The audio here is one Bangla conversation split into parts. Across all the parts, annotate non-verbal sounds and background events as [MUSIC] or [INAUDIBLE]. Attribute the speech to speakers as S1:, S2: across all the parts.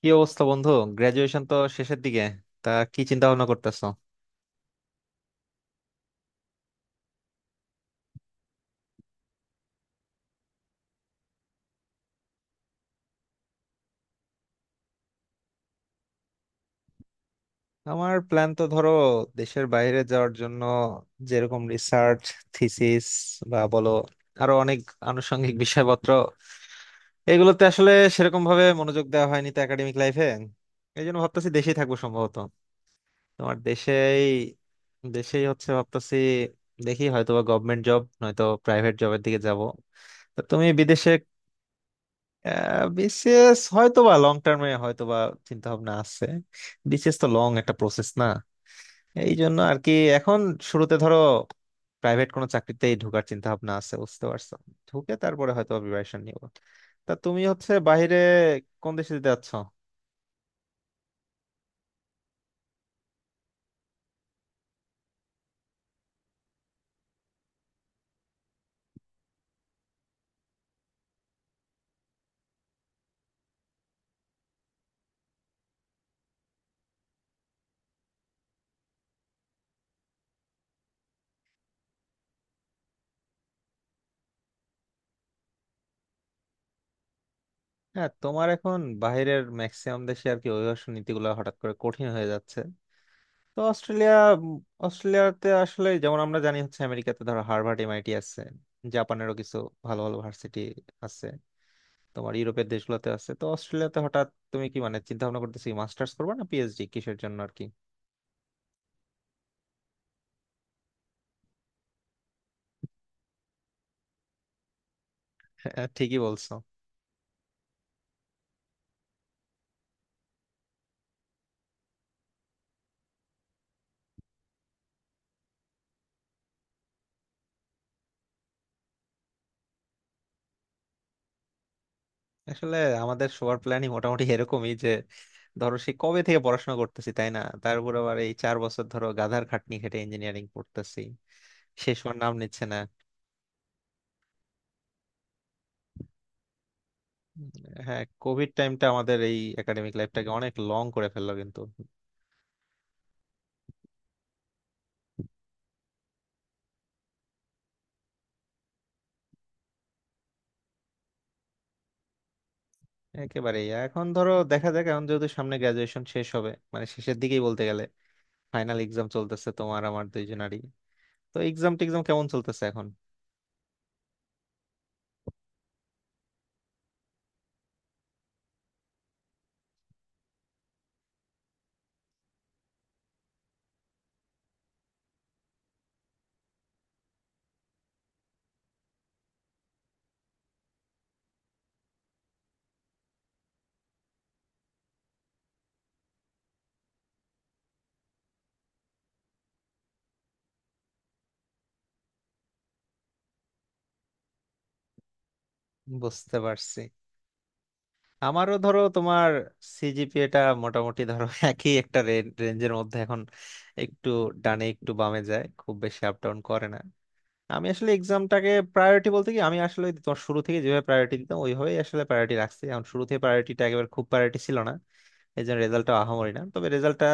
S1: কি অবস্থা বন্ধু? গ্রাজুয়েশন তো শেষের দিকে। তা কি চিন্তা ভাবনা করতেছো? আমার প্ল্যান তো ধরো দেশের বাইরে যাওয়ার জন্য যেরকম রিসার্চ থিসিস বা বলো আরো অনেক আনুষঙ্গিক বিষয়পত্র এগুলোতে আসলে সেরকম ভাবে মনোযোগ দেওয়া হয়নি তো একাডেমিক লাইফে। এই জন্য ভাবতেছি দেশেই থাকবো সম্ভবত। তোমার দেশেই? দেশেই হচ্ছে ভাবতেছি। দেখি হয়তোবা গভর্নমেন্ট জব নয়তো প্রাইভেট জবের দিকে যাব। তা তুমি বিদেশে? বিসিএস হয়তো বা লং টার্মে হয়তো বা চিন্তা ভাবনা আছে। বিসিএস তো লং একটা প্রসেস না? এই জন্য আর কি এখন শুরুতে ধরো প্রাইভেট কোনো চাকরিতেই ঢোকার চিন্তা ভাবনা আছে, বুঝতে পারছো? ঢুকে তারপরে হয়তো প্রিপারেশন নিব। তা তুমি হচ্ছে বাইরে কোন দেশে যেতে যাচ্ছ? হ্যাঁ, তোমার এখন বাইরের ম্যাক্সিমাম দেশে আর কি অভিবাসন নীতিগুলো হঠাৎ করে কঠিন হয়ে যাচ্ছে। তো অস্ট্রেলিয়া। উম, অস্ট্রেলিয়াতে আসলে যেমন আমরা জানি হচ্ছে আমেরিকাতে ধরো হার্ভার্ড এমআইটি আছে, জাপানেরও কিছু ভালো ভালো ভার্সিটি আছে, তোমার ইউরোপের দেশগুলোতে আছে, তো অস্ট্রেলিয়াতে হঠাৎ তুমি কি মানে চিন্তা ভাবনা করতেছি মাস্টার্স করবা না পিএইচডি কিসের জন্য আর কি? হ্যাঁ, ঠিকই বলছো। আসলে আমাদের সবার প্ল্যানই মোটামুটি এরকমই যে ধরো সে কবে থেকে পড়াশোনা করতেছি, তাই না? তার উপর আবার এই চার বছর ধরো গাধার খাটনি খেটে ইঞ্জিনিয়ারিং পড়তেছি, শেষ হওয়ার নাম নিচ্ছে না। উম, হ্যাঁ, কোভিড টাইমটা আমাদের এই একাডেমিক লাইফটাকে অনেক লং করে ফেললো কিন্তু। একেবারেই এখন ধরো দেখা যাক, এখন যেহেতু সামনে গ্রাজুয়েশন শেষ হবে মানে শেষের দিকেই বলতে গেলে, ফাইনাল এক্সাম চলতেছে তোমার আমার দুইজনারই। তো এক্সাম টেক্সাম কেমন চলতেছে এখন? বুঝতে পারছি। আমারও ধরো তোমার সিজিপিএটা মোটামুটি ধরো [LAUGHS] একই একটা রেঞ্জের মধ্যে এখন, একটু ডানে একটু বামে যায়, খুব বেশি আপ ডাউন করে না। আমি আসলে এক্সামটাকে প্রায়োরিটি বলতে কি আমি আসলে তোমার শুরু থেকে যেভাবে প্রায়োরিটি দিতাম ওইভাবেই আসলে প্রায়োরিটি রাখছি এখন, শুরু থেকে প্রায়োরিটিটা একেবারে খুব প্রায়োরিটি ছিল না। এই জন্য রেজাল্টটা আহামরি না, তবে রেজাল্টটা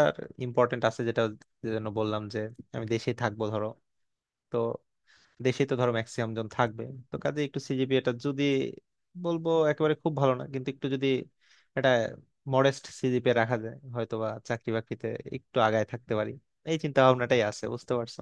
S1: ইম্পর্টেন্ট আছে, যেটা যেজন্য বললাম যে আমি দেশেই থাকবো ধরো। তো দেশে তো ধরো ম্যাক্সিমাম জন থাকবে, তো কাজে একটু সিজিপিএটা যদি বলবো একেবারে খুব ভালো না কিন্তু একটু যদি এটা মডেস্ট সিজিপিএ রাখা যায় হয়তোবা চাকরি বাকরিতে একটু আগায় থাকতে পারি। এই চিন্তা ভাবনাটাই আছে, বুঝতে পারছো?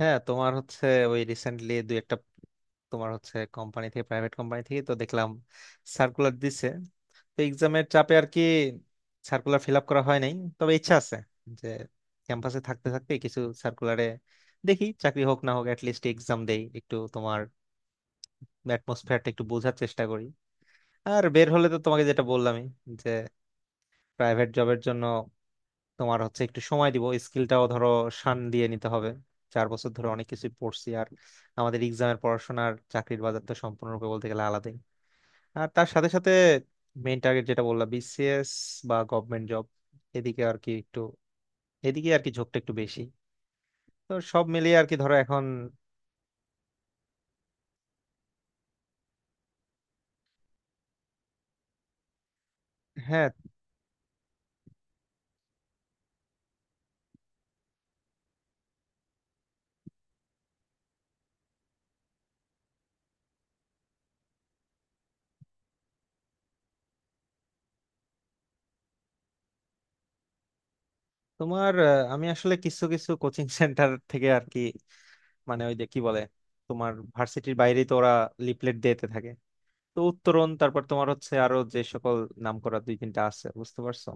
S1: হ্যাঁ, তোমার হচ্ছে ওই রিসেন্টলি দুই একটা তোমার হচ্ছে কোম্পানি থেকে প্রাইভেট কোম্পানি থেকে তো দেখলাম সার্কুলার দিছে। তো এক্সামের চাপে আর কি সার্কুলার ফিল আপ করা হয় নাই, তবে ইচ্ছা আছে যে ক্যাম্পাসে থাকতে থাকতে কিছু সার্কুলারে দেখি চাকরি হোক না হোক লিস্ট এক্সাম দেই একটু, তোমার অ্যাটমসফিয়ারটা একটু বোঝার চেষ্টা করি। আর বের হলে তো তোমাকে যেটা বললামই, যে প্রাইভেট জবের জন্য তোমার হচ্ছে একটু সময় দিব, স্কিলটাও ধরো শান দিয়ে নিতে হবে। চার বছর ধরে অনেক কিছু পড়ছি আর আমাদের এক্সামের পড়াশোনার চাকরির বাজার তো সম্পূর্ণরূপে বলতে গেলে আলাদা। আর তার সাথে সাথে মেইন টার্গেট যেটা বললাম বিসিএস বা গভর্নমেন্ট জব, এদিকে আর কি একটু এদিকে আর কি ঝোঁকটা একটু বেশি। তো সব মিলিয়ে আর কি ধরো এখন। হ্যাঁ, তোমার আমি আসলে কিছু কিছু কোচিং সেন্টার [LAUGHS] থেকে আর কি মানে ওই যে কি বলে তোমার ভার্সিটির বাইরেই তো ওরা লিফলেট দিতে থাকে। তো উত্তরণ তারপর তোমার হচ্ছে আরো যে সকল নাম করা দুই তিনটা আছে, বুঝতে পারছো?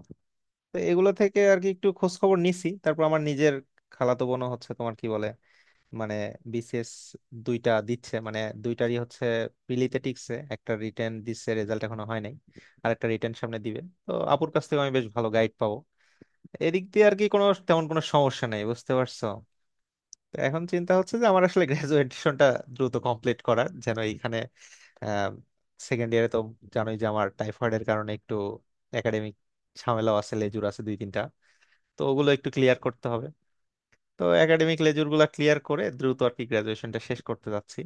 S1: তো এগুলো থেকে আর কি একটু খোঁজ খবর নিছি, তারপর আমার নিজের খালাতো বোনও হচ্ছে তোমার কি বলে মানে বিসিএস দুইটা দিচ্ছে, মানে দুইটারই হচ্ছে প্রিলিতে টিকছে, একটা রিটেন দিচ্ছে, রেজাল্ট এখনো হয় নাই, আর একটা রিটেন সামনে দিবে। তো আপুর কাছ থেকে আমি বেশ ভালো গাইড পাবো, এদিক দিয়ে আর কি কোনো তেমন কোনো সমস্যা নাই, বুঝতে পারছো? তো এখন চিন্তা হচ্ছে যে আমার আসলে [LAUGHS] গ্রাজুয়েশনটা দ্রুত কমপ্লিট করার, যেন এইখানে সেকেন্ড ইয়ারে তো জানোই যে আমার টাইফয়েডের কারণে একটু একাডেমিক ঝামেলাও আছে, লেজুর আছে দুই তিনটা। তো ওগুলো একটু ক্লিয়ার করতে হবে। তো একাডেমিক লেজুর গুলা ক্লিয়ার করে দ্রুত আর কি গ্রাজুয়েশনটা শেষ করতে যাচ্ছি।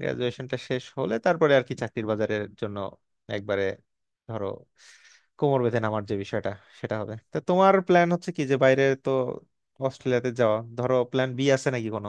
S1: গ্রাজুয়েশনটা শেষ হলে তারপরে আর কি চাকরির বাজারের জন্য একবারে ধরো কোমর বেঁধে নামার যে বিষয়টা সেটা হবে। তা তোমার প্ল্যান হচ্ছে কি, যে বাইরে তো অস্ট্রেলিয়াতে যাওয়া ধরো, প্ল্যান বি আছে নাকি কোনো?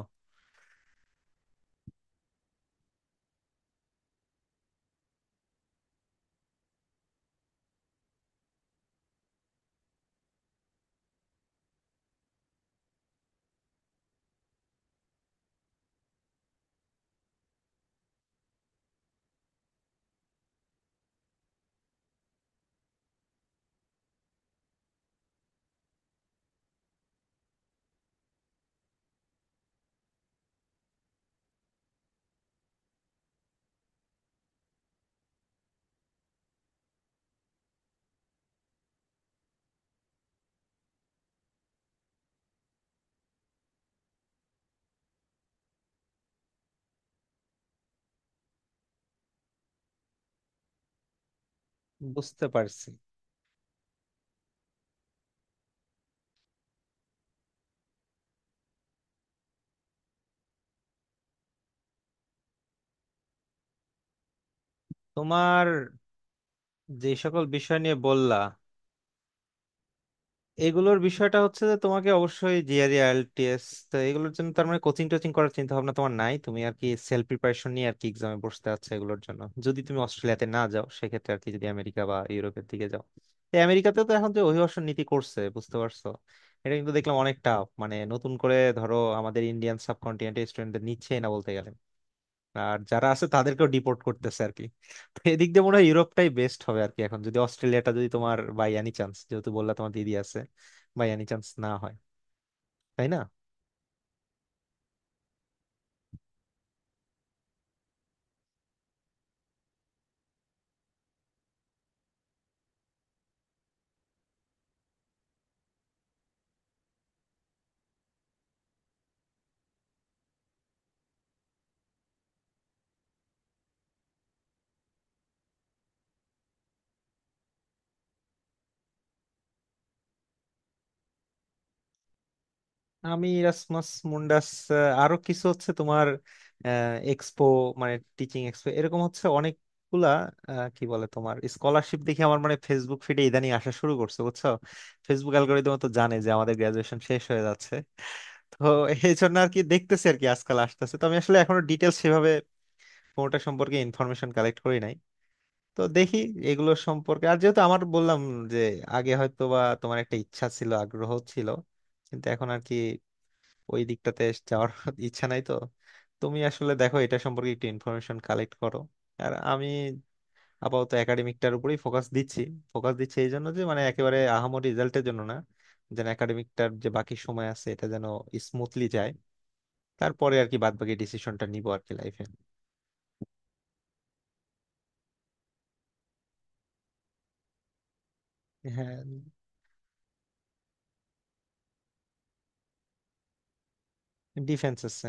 S1: বুঝতে পারছি। তোমার যে সকল বিষয় নিয়ে বললা, এগুলোর বিষয়টা হচ্ছে যে তোমাকে অবশ্যই জিআরই আইএলটিএস, তো এগুলোর জন্য তার মানে কোচিং টোচিং করার চিন্তা ভাবনা তোমার নাই, তুমি আর কি সেলফ প্রিপারেশন নিয়ে আর কি এক্সামে বসতে আছে এগুলোর জন্য। যদি তুমি অস্ট্রেলিয়াতে না যাও, সেক্ষেত্রে আর কি যদি আমেরিকা বা ইউরোপের দিকে যাও, তো আমেরিকাতে তো এখন যে অভিবাসন নীতি করছে, বুঝতে পারছো? এটা কিন্তু দেখলাম অনেক টাফ, মানে নতুন করে ধরো আমাদের ইন্ডিয়ান সাবকন্টিনেন্টের স্টুডেন্টদের নিচ্ছে না বলতে গেলে, আর যারা আছে তাদেরকেও ডিপোর্ট করতেছে আর কি। তো এদিক দিয়ে মনে হয় ইউরোপটাই বেস্ট হবে আর কি এখন, যদি অস্ট্রেলিয়াটা যদি তোমার বাই এনি চান্স, যেহেতু বললা তোমার দিদি আছে, বাই এনি চান্স না হয়, তাই না? আমি রাসমাস মুন্ডাস, আরো কিছু হচ্ছে তোমার এক্সপো, মানে টিচিং এক্সপো এরকম হচ্ছে অনেকগুলা। কি বলে, তোমার স্কলারশিপ দেখে আমার মানে ফেসবুক ফিডে ইদানিং আসা শুরু করছে, বুঝছো? ফেসবুক অ্যালগোরিদম তো জানে যে আমাদের গ্রাজুয়েশন শেষ হয়ে যাচ্ছে। তো এই জন্য আর কি দেখতেছি আর কি আজকাল আসতেছে, তো আমি আসলে এখনো ডিটেলস সেভাবে কোনোটা সম্পর্কে ইনফরমেশন কালেক্ট করি নাই। তো দেখি এগুলো সম্পর্কে। আর যেহেতু আমার বললাম, যে আগে হয়তো বা তোমার একটা ইচ্ছা ছিল, আগ্রহ ছিল, কিন্তু এখন আর কি ওই দিকটাতে যাওয়ার [LAUGHS] ইচ্ছা নাই, তো তুমি আসলে দেখো এটা সম্পর্কে একটু ইনফরমেশন কালেক্ট করো। আর আমি আপাতত একাডেমিকটার উপরেই ফোকাস দিচ্ছি। ফোকাস দিচ্ছি এই জন্য যে, মানে একেবারে আহামরি রেজাল্টের জন্য না, যেন একাডেমিকটার যে বাকি সময় আছে এটা যেন স্মুথলি যায়, তারপরে আর কি বাদ বাকি ডিসিশনটা নিবো আর কি লাইফে। হ্যাঁ। ডিফেন্স আছে?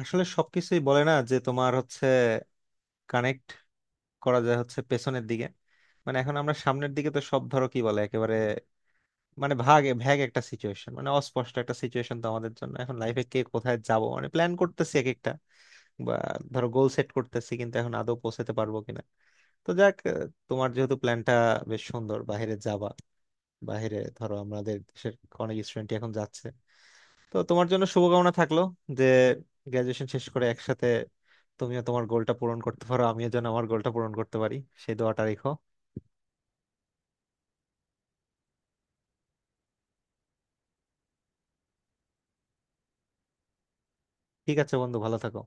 S1: আসলে সবকিছুই বলে না, যে তোমার হচ্ছে কানেক্ট করা যায় হচ্ছে পেছনের দিকে, মানে এখন আমরা সামনের দিকে তো সব ধরো কি বলে, একেবারে মানে ভাগ ভ্যাগ একটা সিচুয়েশন, মানে অস্পষ্ট একটা সিচুয়েশন তো আমাদের জন্য এখন লাইফে, কে কোথায় যাব মানে প্ল্যান করতেছি এক একটা বা ধরো গোল সেট করতেছি, কিন্তু এখন আদৌ পৌঁছাতে পারবো কিনা। তো যাক, তোমার যেহেতু প্ল্যানটা বেশ সুন্দর, বাইরে যাবা, বাইরে ধরো আমাদের দেশের অনেক স্টুডেন্ট এখন যাচ্ছে, তো তোমার জন্য শুভকামনা থাকলো যে গ্রাজুয়েশন শেষ করে একসাথে তুমিও তোমার গোলটা পূরণ করতে পারো, আমিও যেন আমার গোলটা পূরণ করতে পারি, সেই দোয়াটা রেখো। ঠিক আছে বন্ধু, ভালো থাকো।